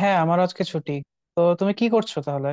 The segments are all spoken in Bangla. হ্যাঁ, আমার আজকে ছুটি। তো তুমি কি করছো তাহলে?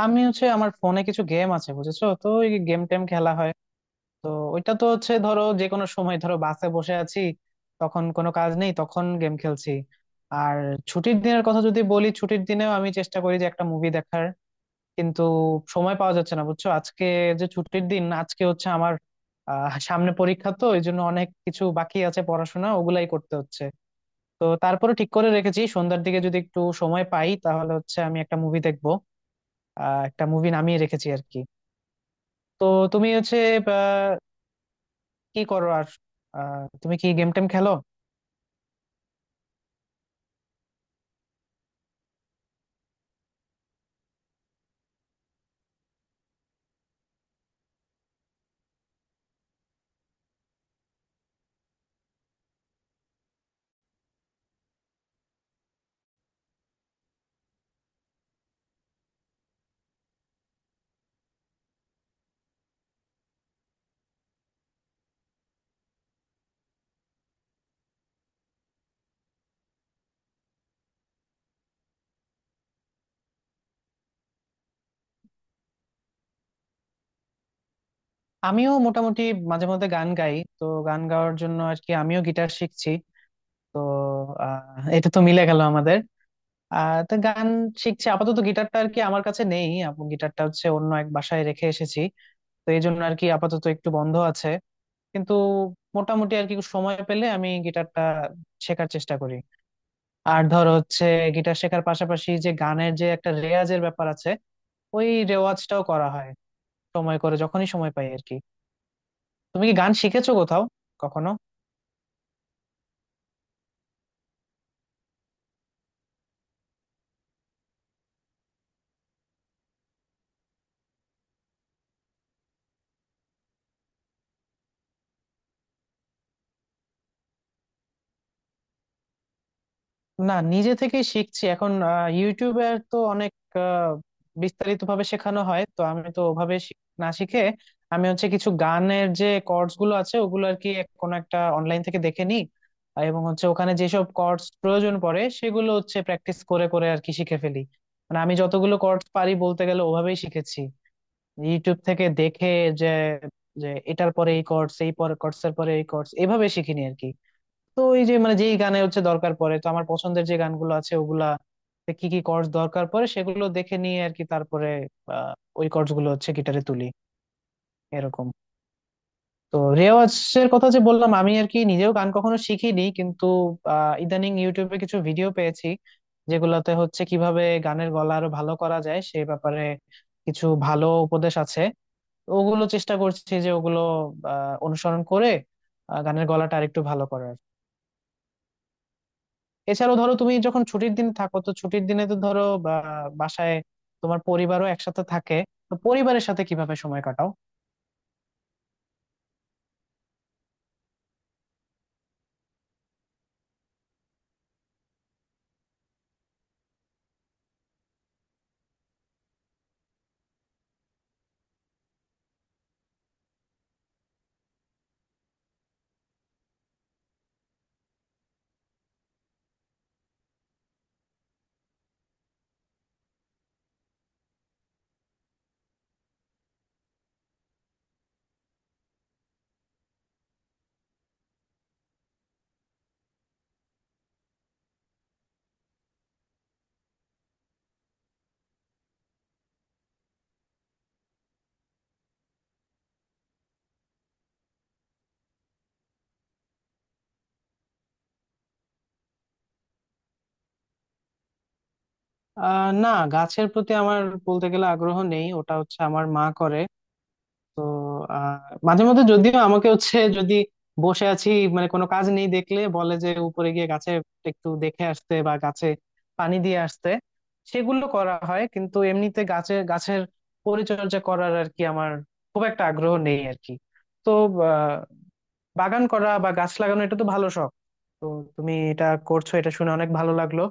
আমি হচ্ছে আমার ফোনে কিছু গেম আছে, বুঝেছো? তো ওই গেম টেম খেলা হয়। তো ওইটা তো হচ্ছে, ধরো যে কোনো সময়, ধরো বাসে বসে আছি, তখন কোনো কাজ নেই, তখন গেম খেলছি। আর ছুটির দিনের কথা যদি বলি, ছুটির দিনেও আমি চেষ্টা করি যে একটা মুভি দেখার, কিন্তু সময় পাওয়া যাচ্ছে না, বুঝছো? আজকে যে ছুটির দিন, আজকে হচ্ছে আমার সামনে পরীক্ষা, তো এই জন্য অনেক কিছু বাকি আছে পড়াশোনা, ওগুলাই করতে হচ্ছে। তো তারপরে ঠিক করে রেখেছি সন্ধ্যার দিকে যদি একটু সময় পাই তাহলে হচ্ছে আমি একটা মুভি দেখবো। একটা মুভি নামিয়ে রেখেছি আর কি। তো তুমি হচ্ছে আহ, কি করো আর? তুমি কি গেম টেম খেলো? আমিও মোটামুটি মাঝে মধ্যে গান গাই, তো গান গাওয়ার জন্য আর কি আমিও গিটার শিখছি। তো এটা তো মিলে গেল আমাদের। তো গান শিখছি আপাতত। গিটারটা আর কি আমার কাছে নেই, গিটারটা হচ্ছে অন্য এক বাসায় রেখে এসেছি। তো এই জন্য আর কি আপাতত একটু বন্ধ আছে। কিন্তু মোটামুটি আর কি সময় পেলে আমি গিটারটা শেখার চেষ্টা করি। আর ধর হচ্ছে গিটার শেখার পাশাপাশি যে গানের যে একটা রেওয়াজের ব্যাপার আছে, ওই রেওয়াজটাও করা হয় সময় করে, যখনই সময় পাই আর কি। তুমি কি গান শিখেছো কোথাও কখনো? না, নিজে থেকেই শিখছি এখন। ইউটিউবে আর তো অনেক বিস্তারিত ভাবে শেখানো হয়, তো আমি তো ওভাবে না শিখে, আমি হচ্ছে কিছু গানের যে কর্ডস গুলো আছে ওগুলো আর কি কোনো একটা অনলাইন থেকে দেখে নিই। আর এবং হচ্ছে ওখানে যেসব কর্ডস প্রয়োজন পড়ে সেগুলো হচ্ছে প্র্যাকটিস করে করে আর কি শিখে ফেলি। মানে আমি যতগুলো কর্ডস পারি, বলতে গেলে ওভাবেই শিখেছি, ইউটিউব থেকে দেখে। যে যে এটার পরে এই কর্ডস, এই পরে কর্ডস, এর পরে এই কর্ডস, এভাবে শিখিনি আর কি। তো এই যে, মানে যেই গানে হচ্ছে দরকার পড়ে, তো আমার পছন্দের যে গানগুলো আছে ওগুলা তে কি কি কর্ডস দরকার পড়ে সেগুলো দেখে নিয়ে আর কি তারপরে আহ, ওই কর্ডস গুলো হচ্ছে গিটারে তুলি, এরকম। তো রেওয়াজের কথা যে বললাম, আমি আর কি নিজেও গান কখনো শিখিনি, কিন্তু ইদানিং ইউটিউবে কিছু ভিডিও পেয়েছি যেগুলোতে হচ্ছে কিভাবে গানের গলা আরো ভালো করা যায় সে ব্যাপারে কিছু ভালো উপদেশ আছে। তো ওগুলো চেষ্টা করছি যে ওগুলো অনুসরণ করে গানের গলাটা আরেকটু ভালো করার। এছাড়াও ধরো তুমি যখন ছুটির দিনে থাকো, তো ছুটির দিনে তো ধরো বা বাসায় তোমার পরিবারও একসাথে থাকে, তো পরিবারের সাথে কিভাবে সময় কাটাও? না, গাছের প্রতি আমার বলতে গেলে আগ্রহ নেই, ওটা হচ্ছে আমার মা করে। তো আহ মাঝে মধ্যে যদিও আমাকে হচ্ছে, যদি বসে আছি, মানে কোনো কাজ নেই দেখলে বলে যে উপরে গিয়ে গাছে একটু দেখে আসতে বা গাছে পানি দিয়ে আসতে, সেগুলো করা হয়। কিন্তু এমনিতে গাছে, গাছের পরিচর্যা করার আর কি আমার খুব একটা আগ্রহ নেই আর কি। তো বাগান করা বা গাছ লাগানো এটা তো ভালো শখ, তো তুমি এটা করছো এটা শুনে অনেক ভালো লাগলো।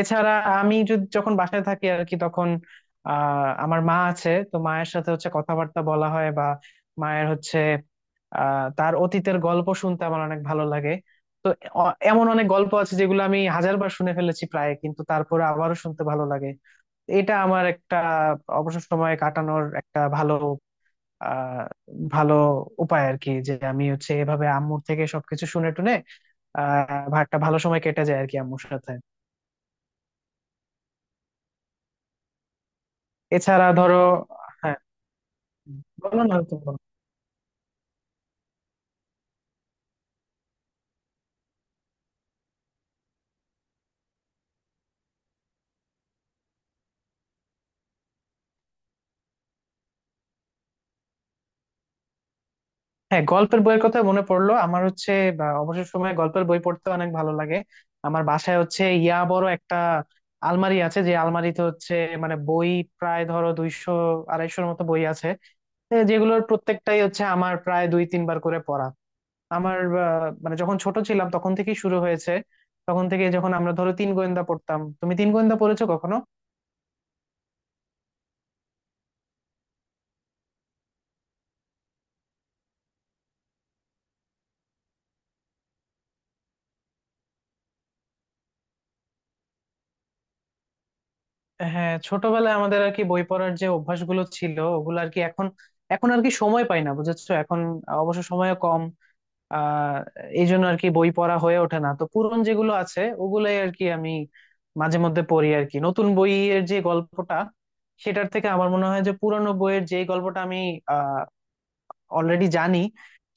এছাড়া আমি যদি, যখন বাসায় থাকি আর কি, তখন আমার মা আছে, তো মায়ের সাথে হচ্ছে কথাবার্তা বলা হয় বা মায়ের হচ্ছে তার অতীতের গল্প শুনতে আমার অনেক ভালো লাগে। তো এমন অনেক গল্প আছে যেগুলো আমি হাজারবার শুনে ফেলেছি প্রায়, কিন্তু তারপরে আবারও শুনতে ভালো লাগে। এটা আমার একটা অবসর সময় কাটানোর একটা আহ ভালো উপায় আর কি, যে আমি হচ্ছে এভাবে আম্মুর থেকে সবকিছু শুনে টুনে একটা ভালো সময় কেটে যায় আর কি আম্মুর সাথে। এছাড়া ধরো, হ্যাঁ, বলো না, তুমি বলো। হ্যাঁ, গল্পের বইয়ের কথা মনে পড়লো আমার হচ্ছে অবসর সময়ে গল্পের বই পড়তে অনেক ভালো লাগে। আমার বাসায় হচ্ছে ইয়া বড় একটা আলমারি আছে, যে আলমারিতে হচ্ছে, মানে, বই প্রায় ধরো 200 250 মতো বই আছে, যেগুলোর প্রত্যেকটাই হচ্ছে আমার প্রায় দুই তিনবার করে পড়া। আমার মানে যখন ছোট ছিলাম তখন থেকেই শুরু হয়েছে। তখন থেকে, যখন আমরা ধরো তিন গোয়েন্দা পড়তাম। তুমি তিন গোয়েন্দা পড়েছো কখনো? হ্যাঁ, ছোটবেলায় আমাদের আর কি বই পড়ার যে অভ্যাসগুলো ছিল ওগুলো আর কি এখন, আর কি সময় পাই না, বুঝেছো? এখন অবশ্য সময় কম। আহ এই জন্য আর কি বই পড়া হয়ে ওঠে না। তো পুরনো যেগুলো আছে ওগুলাই আর কি আমি মাঝে মধ্যে পড়ি আর কি। নতুন বইয়ের যে গল্পটা, সেটার থেকে আমার মনে হয় যে পুরনো বইয়ের যে গল্পটা আমি আহ অলরেডি জানি,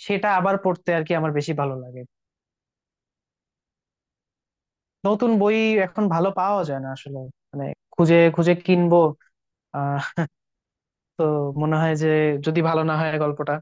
সেটা আবার পড়তে আর কি আমার বেশি ভালো লাগে। নতুন বই এখন ভালো পাওয়া যায় না আসলে, মানে, খুঁজে খুঁজে কিনবো, আহ তো মনে হয় যে যদি ভালো না হয় গল্পটা।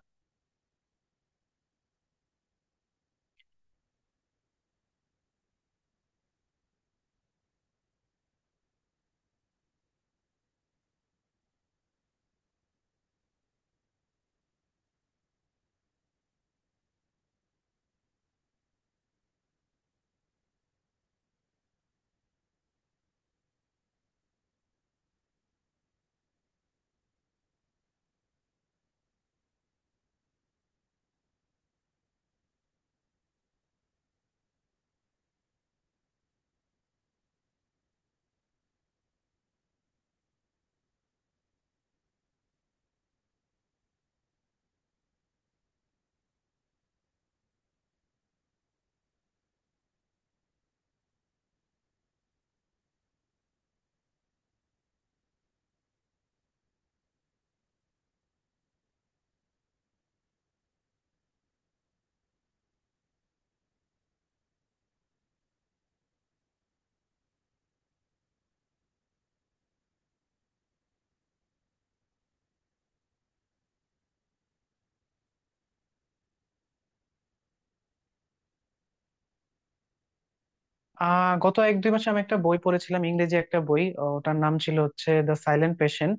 গত এক দুই মাসে আমি একটা বই পড়েছিলাম, ইংরেজি একটা বই। ওটার নাম ছিল হচ্ছে দ্য সাইলেন্ট পেশেন্ট।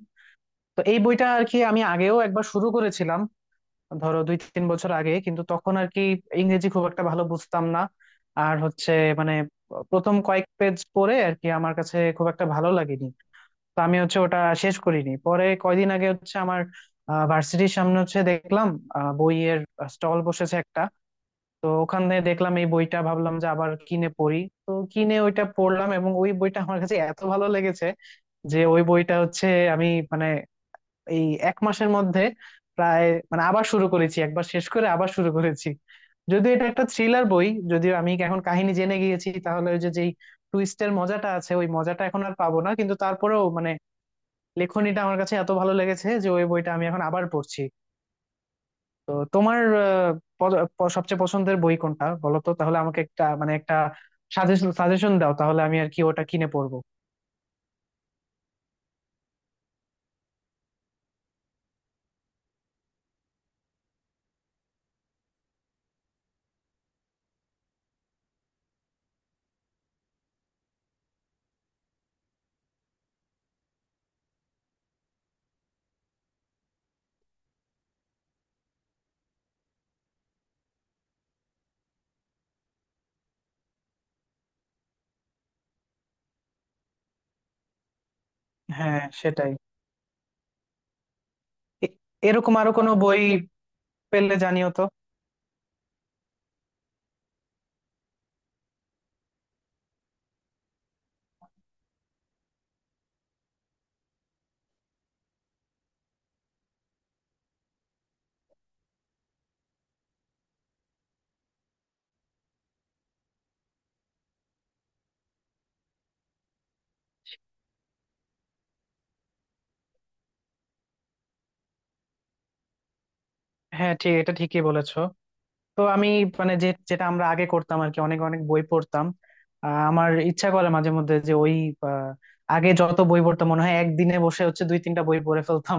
তো এই বইটা আর কি আমি আগেও একবার শুরু করেছিলাম, ধরো দুই তিন বছর আগে, কিন্তু তখন আর কি ইংরেজি খুব একটা ভালো বুঝতাম না আর হচ্ছে, মানে, প্রথম কয়েক পেজ পড়ে আর কি আমার কাছে খুব একটা ভালো লাগেনি। তো আমি হচ্ছে ওটা শেষ করিনি। পরে কয়দিন আগে হচ্ছে আমার ভার্সিটির সামনে হচ্ছে দেখলাম বইয়ের স্টল বসেছে একটা। তো ওখান থেকে দেখলাম এই বইটা, ভাবলাম যে আবার কিনে পড়ি। তো কিনে ওইটা পড়লাম, এবং ওই বইটা আমার কাছে এত ভালো লেগেছে যে ওই বইটা হচ্ছে আমি, মানে, এই এক মাসের মধ্যে প্রায়, মানে, আবার শুরু করেছি, একবার শেষ করে আবার শুরু করেছি। যদিও এটা একটা থ্রিলার বই, যদিও আমি এখন কাহিনী জেনে গিয়েছি, তাহলে ওই যে যেই টুইস্টের মজাটা আছে ওই মজাটা এখন আর পাবো না, কিন্তু তারপরেও, মানে, লেখনীটা আমার কাছে এত ভালো লেগেছে যে ওই বইটা আমি এখন আবার পড়ছি। তো তোমার সবচেয়ে পছন্দের বই কোনটা? বলো তো তাহলে আমাকে, একটা, মানে, একটা সাজেশন সাজেশন দাও, তাহলে আমি আর কি ওটা কিনে পড়বো। হ্যাঁ সেটাই। এ- এরকম আরো কোনো বই পেলে জানিও তো। হ্যাঁ, ঠিক, এটা ঠিকই বলেছো। তো আমি, মানে, যেটা আমরা আগে করতাম আর কি, অনেক অনেক বই পড়তাম, আমার ইচ্ছা করে মাঝে মধ্যে যে ওই, আহ, আগে যত বই পড়তাম মনে হয় একদিনে বসে হচ্ছে দুই তিনটা বই পড়ে ফেলতাম।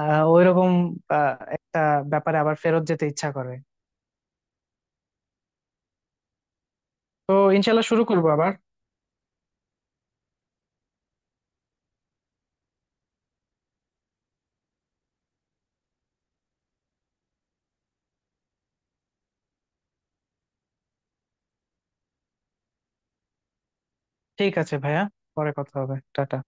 ওইরকম আহ, একটা ব্যাপারে আবার ফেরত যেতে ইচ্ছা করে। তো ইনশাল্লাহ শুরু করবো আবার। ঠিক আছে ভাইয়া, পরে কথা হবে, টাটা।